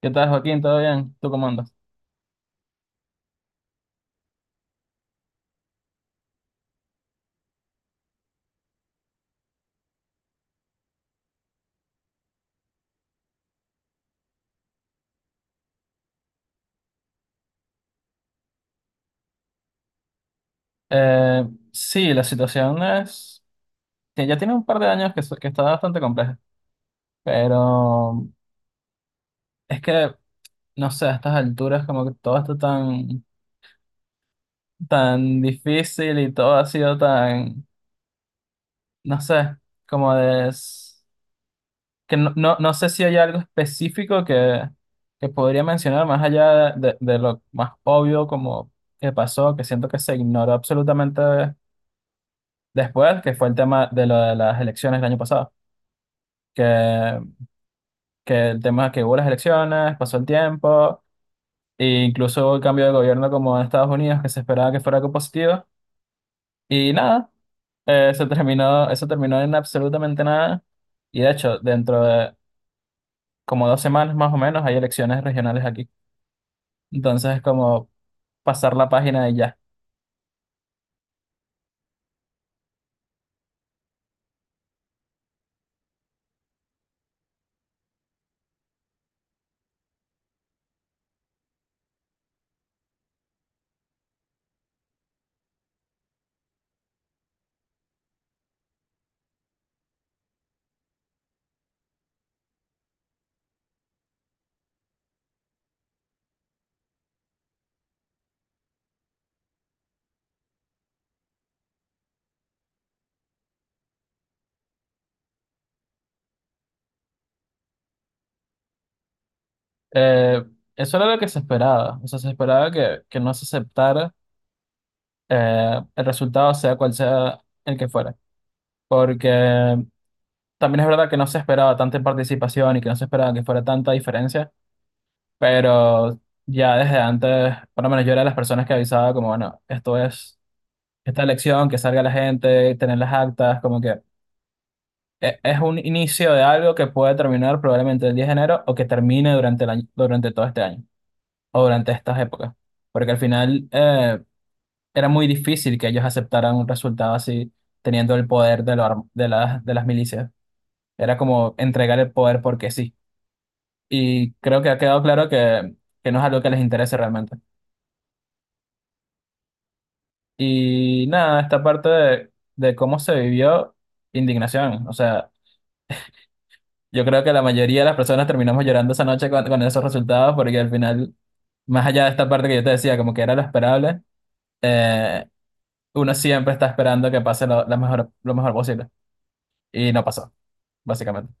¿Qué tal, Joaquín? ¿Todo bien? ¿Tú cómo andas? Eh, sí, la situación es que ya tiene un par de años que está bastante compleja, pero es que, no sé, a estas alturas como que todo está tan, tan difícil y todo ha sido tan, no sé, como que no sé si hay algo específico que podría mencionar más allá de lo más obvio, como que pasó, que siento que se ignoró absolutamente después, que fue el tema de lo de las elecciones del año pasado. que, que el tema es que hubo las elecciones, pasó el tiempo, e incluso hubo el cambio de gobierno como en Estados Unidos, que se esperaba que fuera algo positivo, y nada, se terminó, eso terminó en absolutamente nada, y de hecho, dentro de como 2 semanas más o menos hay elecciones regionales aquí, entonces es como pasar la página y ya. Eh, Eso era lo que se esperaba, o sea, se esperaba que no se aceptara el resultado, sea cual sea el que fuera, porque también es verdad que no se esperaba tanta participación y que no se esperaba que fuera tanta diferencia, pero ya desde antes, por lo menos yo era de las personas que avisaba como, bueno, esto es esta elección, que salga la gente, tener las actas, como que es un inicio de algo que puede terminar probablemente el 10 de enero o que termine durante el año, durante todo este año o durante estas épocas, porque al final era muy difícil que ellos aceptaran un resultado así, teniendo el poder de, lo ar- de las milicias. Era como entregar el poder porque sí. Y creo que ha quedado claro que no es algo que les interese realmente. Y nada, esta parte de cómo se vivió indignación. O sea, yo creo que la mayoría de las personas terminamos llorando esa noche con esos resultados porque al final, más allá de esta parte que yo te decía, como que era lo esperable, eh, uno siempre está esperando que pase lo mejor posible. Y no pasó, básicamente.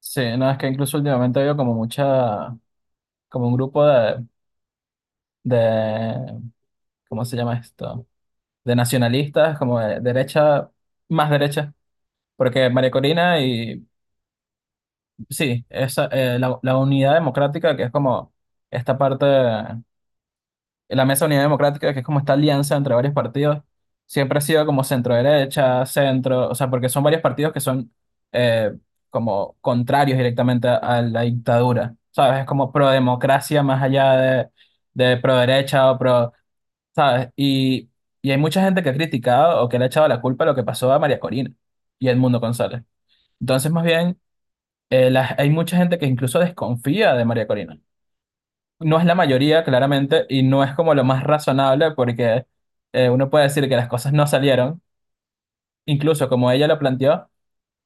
Sí, no, es que incluso últimamente veo como mucha, como un grupo de, ¿cómo se llama esto? De nacionalistas, como de derecha, más derecha, porque María Corina y sí, esa, la unidad democrática, que es como esta parte, la mesa unidad democrática, que es como esta alianza entre varios partidos, siempre ha sido como centro-derecha, centro, o sea, porque son varios partidos que son eh, como contrarios directamente a la dictadura, ¿sabes? Es como pro-democracia más allá de pro-derecha o pro. ¿Sabes? Y hay mucha gente que ha criticado o que le ha echado la culpa a lo que pasó a María Corina y a Edmundo González. Entonces, más bien, hay mucha gente que incluso desconfía de María Corina. No es la mayoría, claramente, y no es como lo más razonable porque uno puede decir que las cosas no salieron, incluso como ella lo planteó,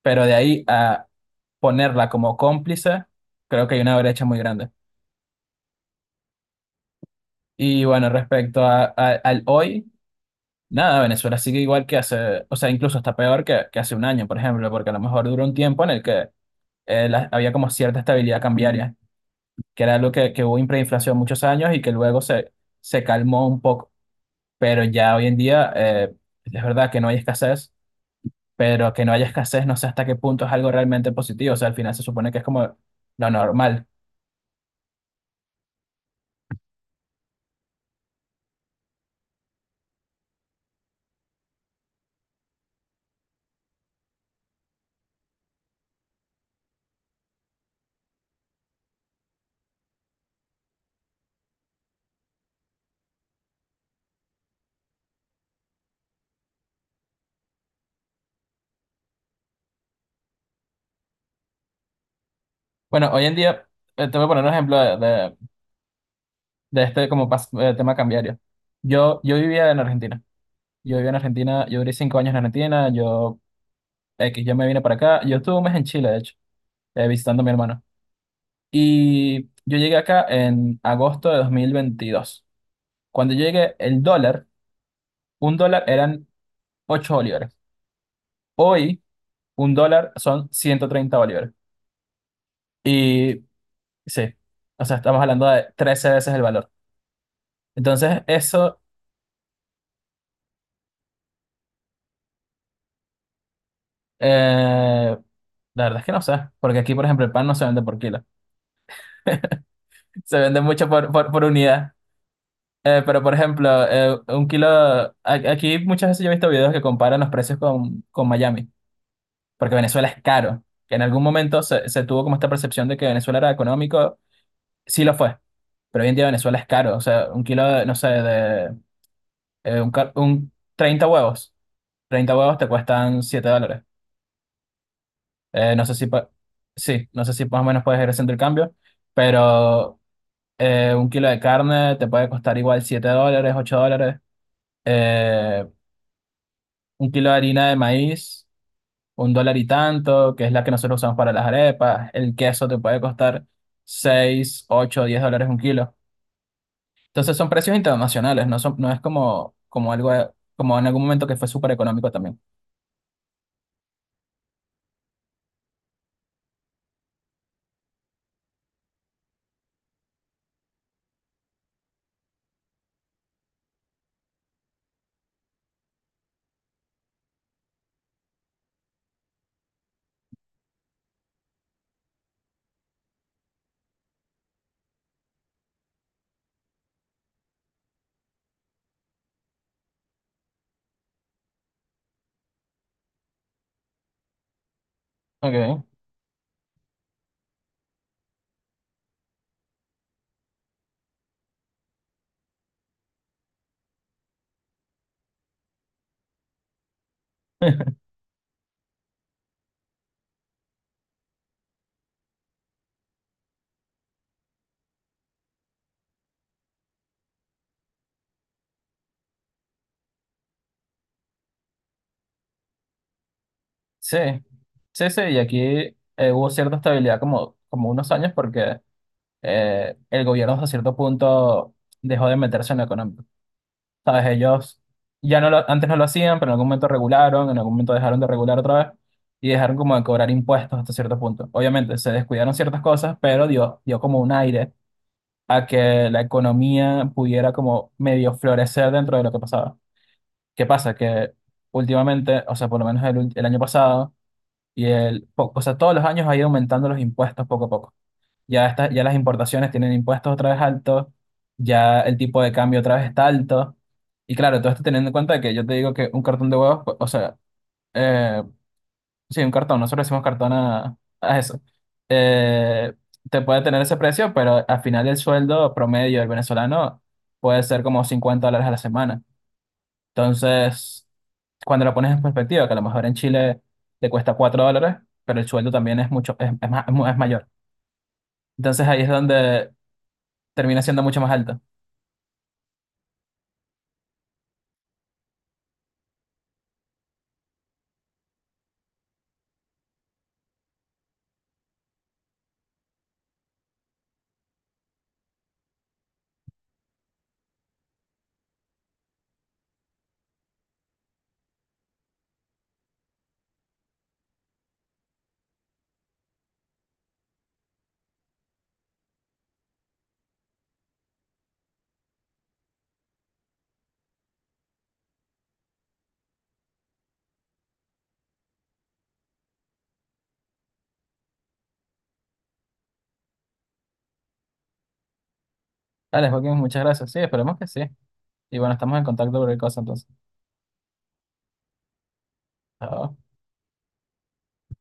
pero de ahí a ponerla como cómplice, creo que hay una brecha muy grande. Y bueno, respecto al hoy. Nada, Venezuela sigue igual que hace, o sea, incluso está peor que hace un año, por ejemplo, porque a lo mejor duró un tiempo en el que había como cierta estabilidad cambiaria, que era algo que hubo hiperinflación muchos años y que luego se calmó un poco. Pero ya hoy en día es verdad que no hay escasez, pero que no haya escasez no sé hasta qué punto es algo realmente positivo, o sea, al final se supone que es como lo normal. Bueno, hoy en día, te voy a poner un ejemplo de este tema cambiario. Yo vivía en Argentina. Yo viví en Argentina, yo viví 5 años en Argentina, yo X, yo me vine para acá, yo estuve un mes en Chile, de hecho, visitando a mi hermano. Y yo llegué acá en agosto de 2022. Cuando yo llegué, un dólar eran 8 bolívares. Hoy, un dólar son 130 bolívares. Y sí, o sea, estamos hablando de 13 veces el valor. Entonces, eso, eh, la verdad es que no sé, porque aquí, por ejemplo, el pan no se vende por kilo, se vende mucho por unidad. Pero, por ejemplo, aquí muchas veces yo he visto videos que comparan los precios con Miami, porque Venezuela es caro. Que en algún momento se tuvo como esta percepción de que Venezuela era económico, sí lo fue, pero hoy en día Venezuela es caro. O sea, un kilo, de, no sé, de un 30 huevos, 30 huevos te cuestan 7 dólares. Eh, no sé si, pa- sí, no sé si más o menos puedes ir haciendo el cambio, pero un kilo de carne te puede costar igual 7 dólares, 8 dólares. Eh, un kilo de harina de maíz. Un dólar y tanto, que es la que nosotros usamos para las arepas. El queso te puede costar 6, 8, 10 dólares un kilo. Entonces son precios internacionales, no son, no es como algo, como en algún momento que fue súper económico también. Okay. Sí, sí, sí, y aquí hubo cierta estabilidad como unos años porque el gobierno hasta cierto punto dejó de meterse en lo económico. ¿Sabes? Ellos ya no lo, antes no lo hacían, pero en algún momento regularon, en algún momento dejaron de regular otra vez y dejaron como de cobrar impuestos hasta cierto punto. Obviamente se descuidaron ciertas cosas, pero dio como un aire a que la economía pudiera como medio florecer dentro de lo que pasaba. ¿Qué pasa? Que últimamente, o sea, por lo menos el año pasado y o sea, todos los años ha ido aumentando los impuestos poco a poco. Ya las importaciones tienen impuestos otra vez altos, ya el tipo de cambio otra vez está alto. Y claro, todo esto teniendo en cuenta que yo te digo que un cartón de huevos, pues, o sea, eh, sí, un cartón, nosotros decimos cartón a eso, eh, te puede tener ese precio, pero al final el sueldo promedio del venezolano puede ser como 50 dólares a la semana. Entonces, cuando lo pones en perspectiva, que a lo mejor en Chile te cuesta 4 dólares, pero el sueldo también es mucho, es mayor. Entonces ahí es donde termina siendo mucho más alto. Dale, Joaquín, muchas gracias. Sí, esperemos que sí. Y bueno, estamos en contacto por el cosa entonces. Chao.